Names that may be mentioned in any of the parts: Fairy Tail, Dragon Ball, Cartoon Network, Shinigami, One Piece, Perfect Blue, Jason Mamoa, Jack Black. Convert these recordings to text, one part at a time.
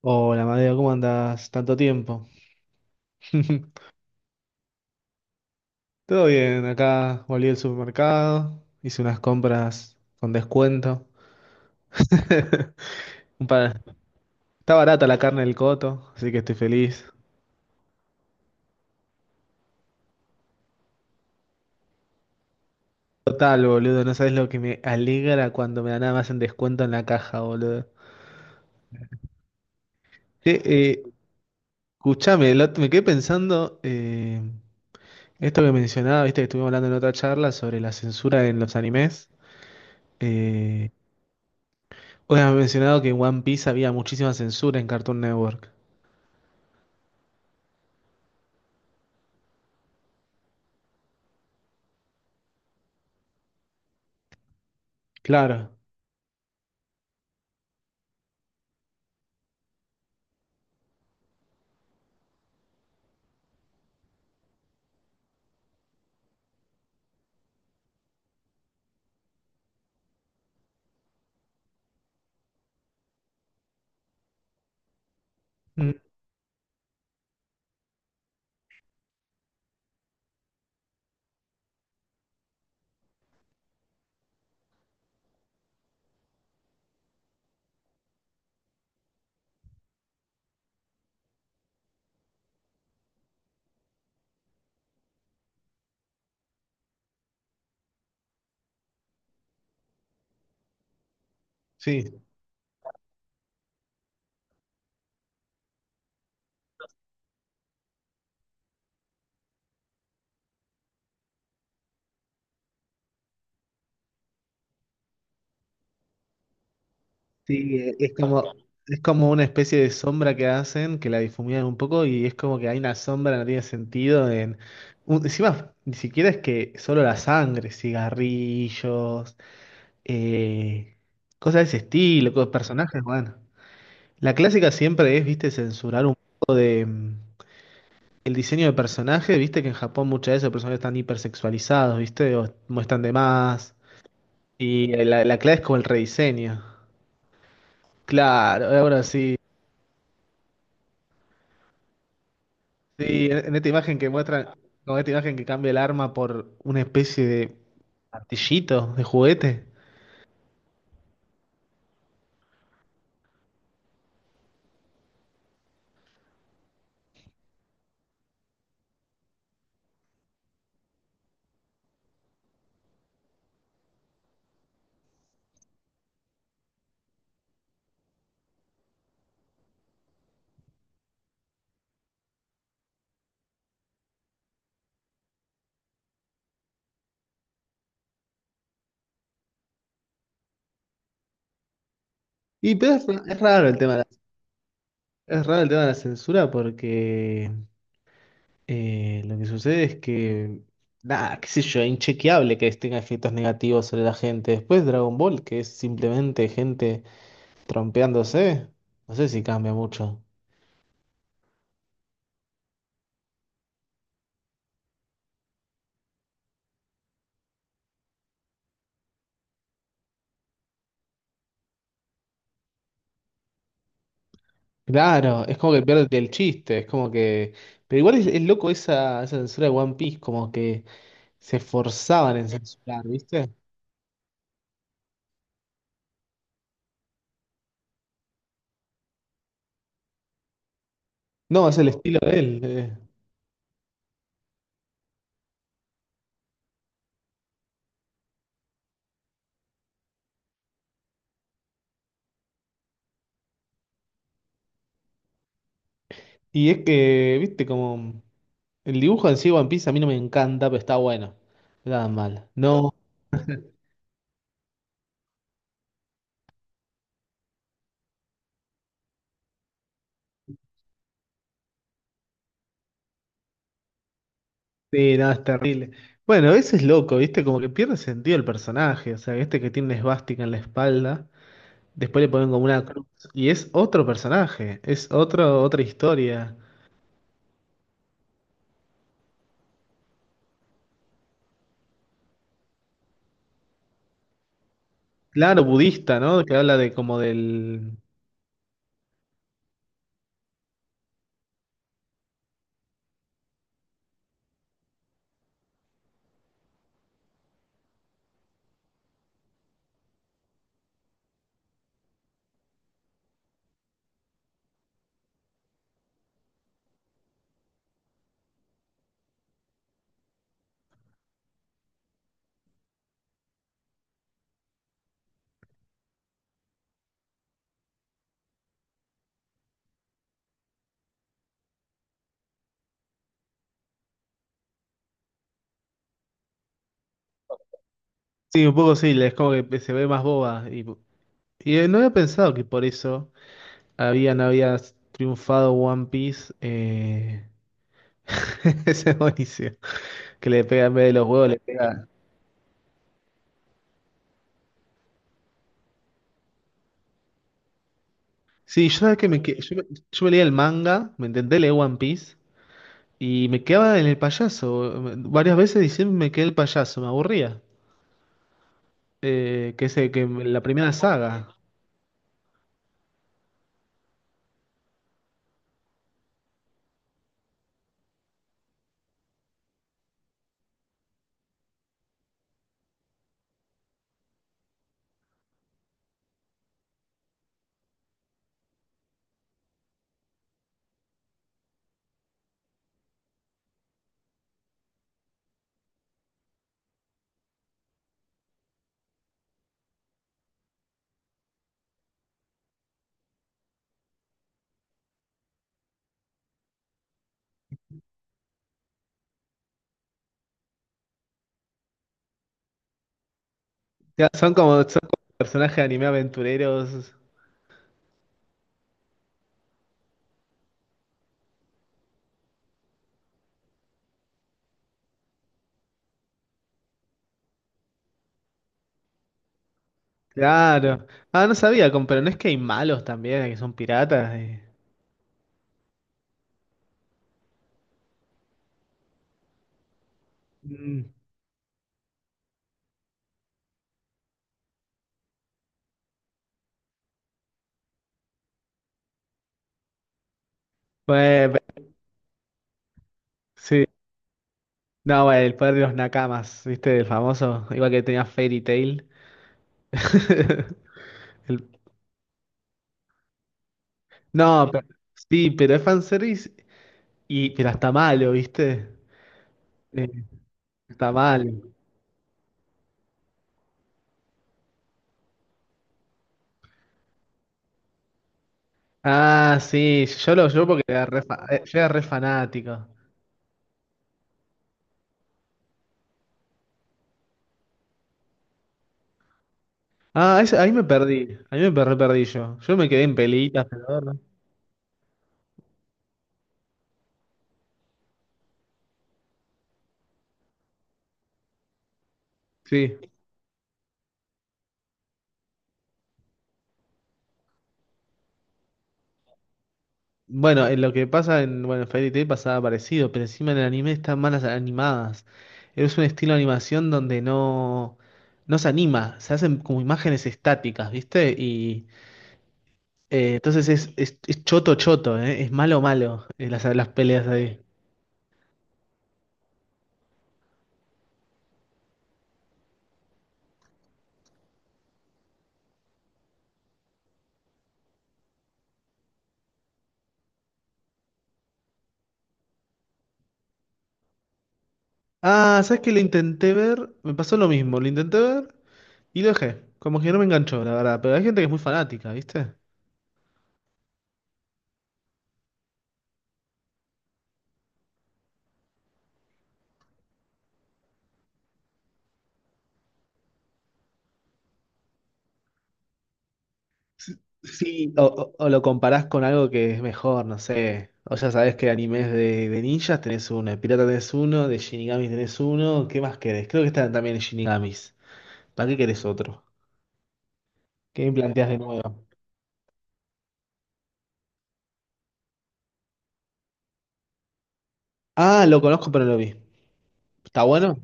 Hola, Madeo, ¿cómo andás? Tanto tiempo. Todo bien, acá volví al supermercado, hice unas compras con descuento. Un par- Está barata la carne del Coto, así que estoy feliz. Total, boludo, no sabes lo que me alegra cuando me dan nada más en descuento en la caja, boludo. Che, eh, escuchame, me quedé pensando, esto que mencionaba, viste que estuvimos hablando en otra charla sobre la censura en los animes. eh, Bueno, has mencionado que en One Piece había muchísima censura en Cartoon Network. Claro. Mm. Sí, sí, es como una especie de sombra que hacen, que la difuminan un poco y es como que hay una sombra, no tiene sentido en... Encima, ni siquiera es que solo la sangre, cigarrillos, eh, cosas de ese estilo, personajes, bueno. La clásica siempre es, viste, censurar un... em, el diseño de personaje, viste que en Japón muchas veces los personajes están hipersexualizados, viste, o muestran de más. Y la clave es como el rediseño. Claro, ahora sí. Sí, en esta imagen que muestran, con esta imagen que cambia el arma por una especie de martillito, de juguete. Y pero es raro el tema de la, es raro el tema de la censura porque lo que sucede es que, nada, qué sé yo, es inchequeable que tenga efectos negativos sobre la gente. Después Dragon Ball, que es simplemente gente trompeándose. No sé si cambia mucho. Claro, es como que pierde el chiste, es como que... Pero igual es loco esa, esa censura de One Piece, como que se esforzaban en censurar, ¿viste? No, es el estilo de él. Y es que, viste, como... El dibujo en sí de One Piece a mí no me encanta, pero está bueno. No, nada mal. No, sí, nada, es terrible. Bueno, ese es loco, ¿viste? Como que pierde sentido el personaje. O sea, este que tiene una esvástica en la espalda. Después le ponen como una cruz. Y es otro personaje, es otro, otra historia. Claro, budista, ¿no? Que habla de como del... Sí, un poco sí, es como que se ve más boba. Y, no había pensado que por eso había triunfado One Piece. Ese es buenísimo. Que le pega en vez de los huevos, le pega... Sí, yo sabes que me, yo, yo me leía el manga, me intenté leer One Piece y me quedaba en el payaso. Varias veces diciendo me quedé el payaso, me aburría. Que es el que la primera saga. Ya, son como personajes de anime aventureros. Claro. Ah, no sabía, pero no es que hay malos también, que son piratas. Mm. Bueno, sí. No, bueno, el poder de los nakamas, ¿viste? El famoso, igual que tenía Fairy Tail. El- No, sí, pero es fanservice y pero está malo, ¿viste? Eh, está malo. Ah, sí, yo lo yo porque era re, yo era re fanático. Ah, ahí me perdí. Ahí me perdí yo. Yo me quedé en pelitas, pero no. Sí. Bueno, en lo que pasa en, bueno, en Fairy Tail pasaba parecido, pero encima en el anime están malas animadas. Es un estilo de animación donde no, no se anima, se hacen como imágenes estáticas, ¿viste? Y entonces es choto choto, ¿eh? Es malo malo, las peleas ahí. Ah, ¿sabes qué? Lo intenté ver, me pasó lo mismo, lo intenté ver y lo dejé. Como que no me enganchó, la verdad, pero hay gente que es muy fanática, ¿viste? Sí, o, o lo comparás con algo que es mejor, no sé. O ya sabés que animes de ninjas tenés uno, de pirata tenés uno, de Shinigamis tenés uno. ¿Qué más querés? Creo que están también en Shinigamis. ¿Para qué querés otro? ¿Qué me planteás de nuevo? Ah, lo conozco, pero no lo vi. ¿Está bueno?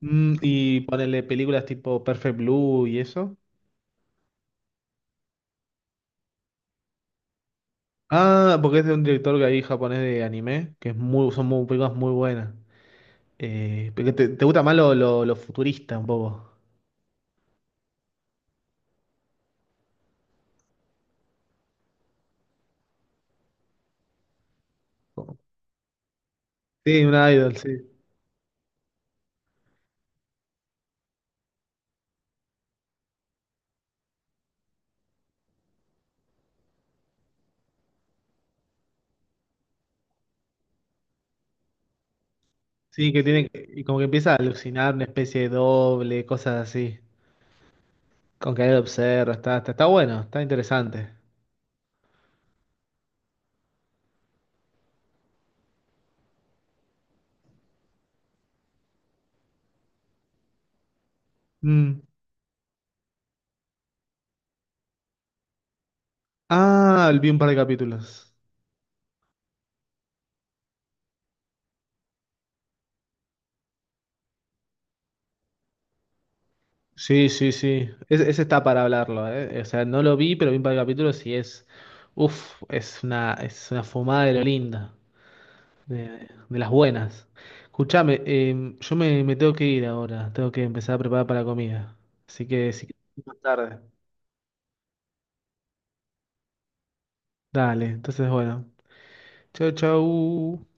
Mm, y ponerle películas tipo Perfect Blue y eso. Ah, porque es de un director que hay japonés de anime, que es muy, son muy, películas muy buenas. Porque te, te gusta más lo futurista un poco. Sí, un idol, sí. Sí, que tiene y como que empieza a alucinar una especie de doble, cosas así. Con que él observa, está, está, está bueno, está interesante. Mm. Ah, vi un par de capítulos. Sí, sí, sí. Ese está para hablarlo, ¿eh? O sea, no lo vi, pero vi un par de capítulos y es. Uf, es una fumada de lo linda. De las buenas. Escuchame, yo me, me tengo que ir ahora. Tengo que empezar a preparar para la comida. Así que, si querés, más tarde. Dale, entonces bueno. Chau, chau.